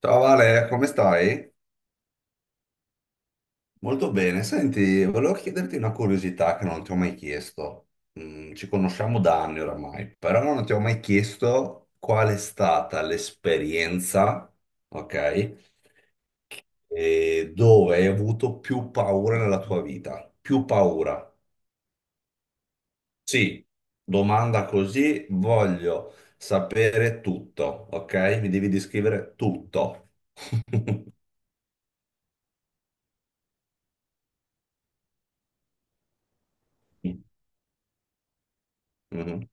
Ciao Vale, come stai? Molto bene. Senti, volevo chiederti una curiosità che non ti ho mai chiesto. Ci conosciamo da anni oramai, però non ti ho mai chiesto qual è stata l'esperienza, ok? E dove hai avuto più paura nella tua vita? Più paura. Sì, domanda così, voglio sapere tutto, ok? Mi devi descrivere tutto. Mhm.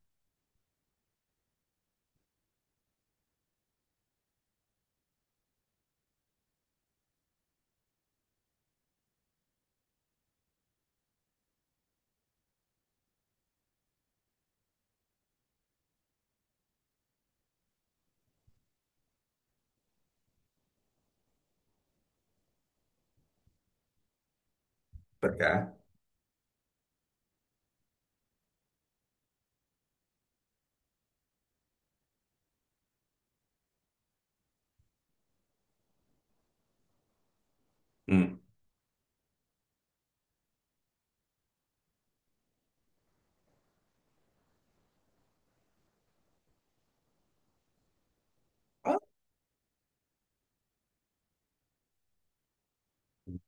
Perché? Mm.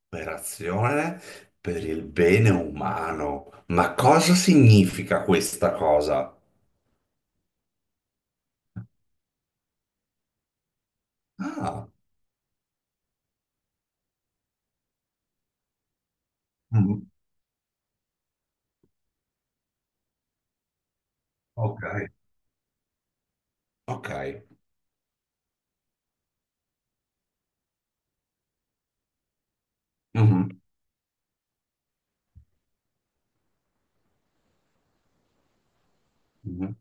Operazione per il bene umano. Ma cosa significa questa cosa? Ah, mm, ok, ok. Mhm, mhm,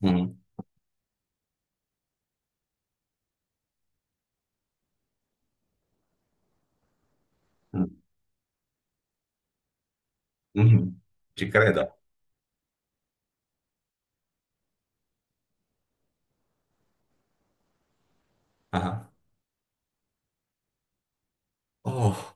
mhm, mhm, mhm. Ci credo. Ah. Oh,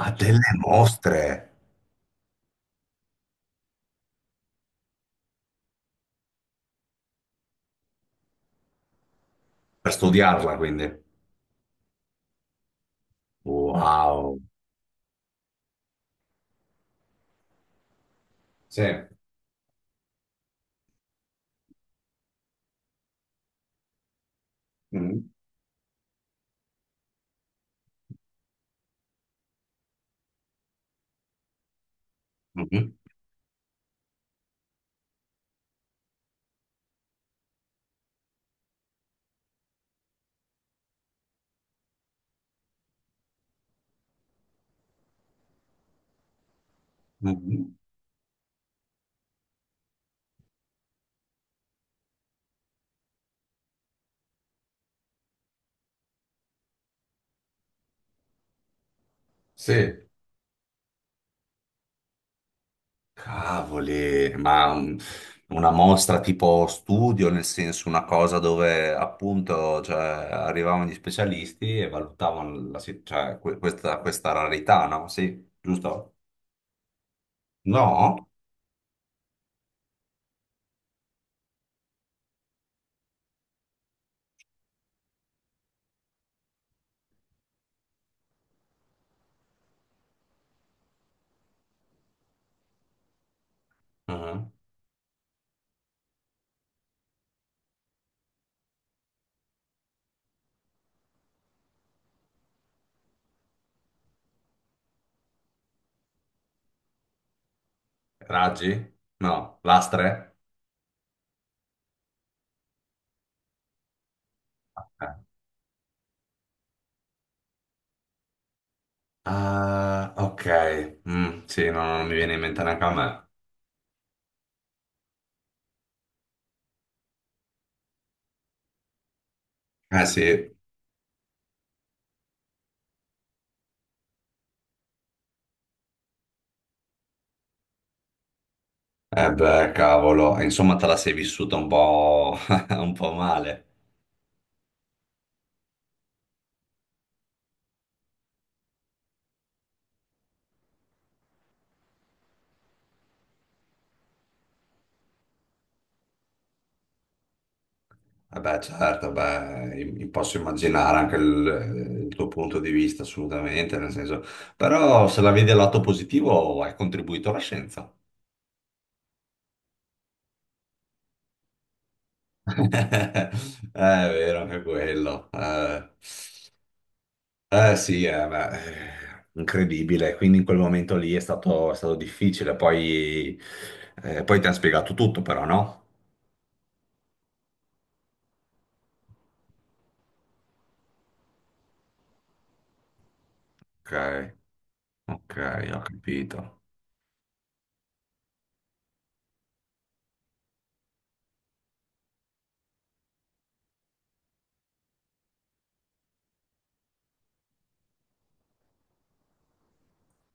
ha delle mostre per studiarla, quindi. Wow. Sì. Mhm, mhm, mhm. Sì. Cavoli, ma una mostra tipo studio, nel senso una cosa dove appunto cioè, arrivavano gli specialisti e valutavano cioè, questa, questa rarità, no? Sì, giusto? No? Mhm. Raggi? No. Lastre? Eh. Ah, ok. Sì, no, non mi viene in mente neanche a me. Eh sì, eh beh, cavolo, insomma te la sei vissuta un po', un po' male. Vabbè, certo, beh, posso immaginare anche il tuo punto di vista, assolutamente, nel senso, però se la vedi dal lato positivo hai contribuito alla scienza. È vero, anche quello. Sì, beh, incredibile, quindi in quel momento lì è stato difficile, poi, poi ti hanno spiegato tutto però, no? Ok, ok, ho capito.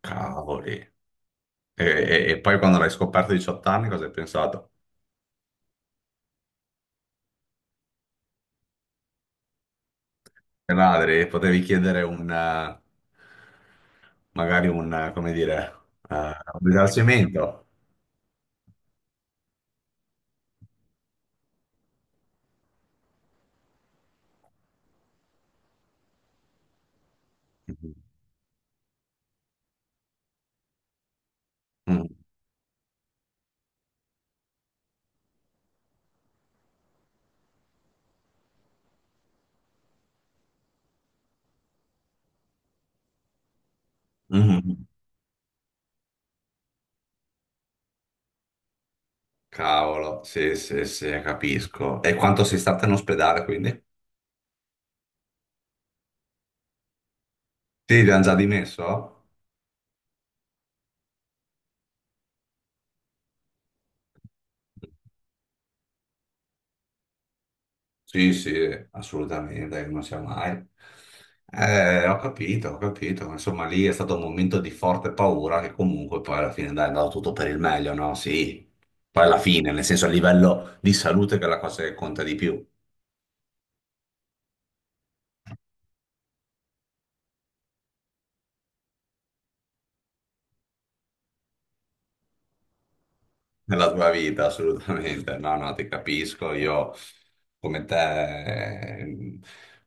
Cavoli. E, e poi quando l'hai scoperto a 18 anni cosa hai pensato? Le madri, potevi chiedere un, magari un, come dire, un risarcimento. Mhm. Mm. Mhm. Cavolo, sì, sì, sì, capisco. E quanto sei stata in ospedale, quindi? Sì, ti hanno già dimesso? Sì, sì, assolutamente, non sia mai. Ho capito, ho capito. Insomma, lì è stato un momento di forte paura che comunque poi alla fine dai, è andato tutto per il meglio, no? Sì, poi alla fine, nel senso a livello di salute che è la cosa che conta di più. Nella tua vita, assolutamente. No, no, ti capisco. Io, come te,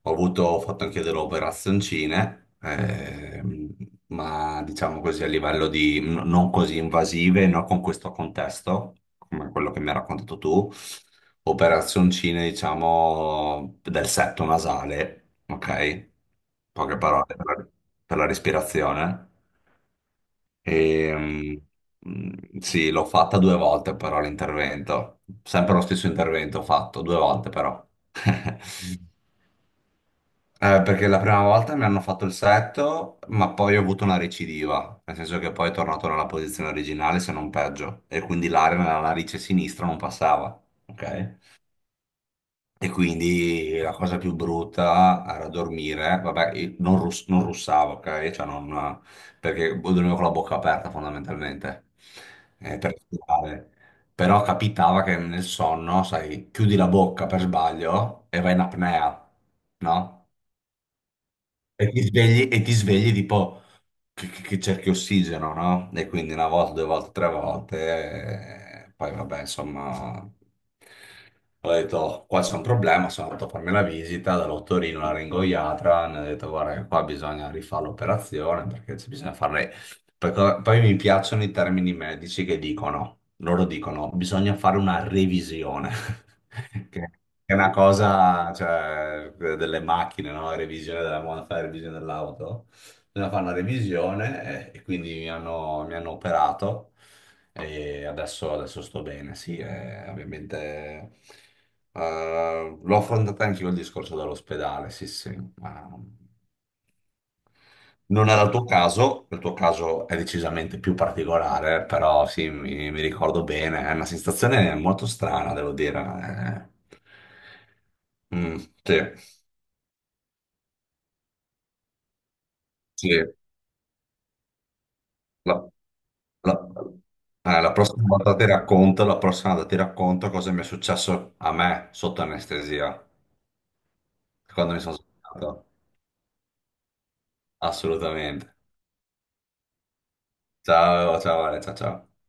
ho avuto, ho fatto anche delle operazioncine, ma diciamo così a livello di non così invasive, no, con questo contesto, come quello che mi hai raccontato tu. Operazioncine, diciamo, del setto nasale, ok? Poche parole per la respirazione. E, sì, l'ho fatta due volte però l'intervento, sempre lo stesso intervento ho fatto, due volte però. Perché la prima volta mi hanno fatto il setto, ma poi ho avuto una recidiva, nel senso che poi è tornato nella posizione originale se non peggio, e quindi l'aria nella narice sinistra non passava, ok? E quindi la cosa più brutta era dormire, vabbè, io non, non russavo, ok? Cioè non, perché boh, dormivo con la bocca aperta fondamentalmente, per respirare. Però capitava che nel sonno, sai, chiudi la bocca per sbaglio e vai in apnea, no? E ti svegli tipo che, che cerchi ossigeno, no? E quindi una volta, due volte, tre volte, poi vabbè, insomma, ho detto, "Oh, qua c'è un problema", sono andato a farmi la visita dall'ottorino, la ringoiatra, mi ha detto, guarda, che qua bisogna rifare l'operazione perché ci bisogna fare... Perché poi mi piacciono i termini medici che dicono, loro dicono, bisogna fare una revisione. È una cosa, cioè, delle macchine, no? Revisione della moda, fare la revisione dell'auto. Bisogna fare una revisione e, quindi mi hanno operato e adesso, adesso sto bene. Sì, ovviamente l'ho affrontata anche io il discorso dall'ospedale, sì, sì. Non era il tuo caso è decisamente più particolare, però sì, mi ricordo bene, è una sensazione molto strana, devo dire. Eh. Sì, sì. La, la- la prossima volta ti racconto, la prossima volta ti racconto cosa mi è successo a me sotto anestesia, quando mi sono svegliato. Assolutamente. Ciao, ciao, Ale, ciao, ciao.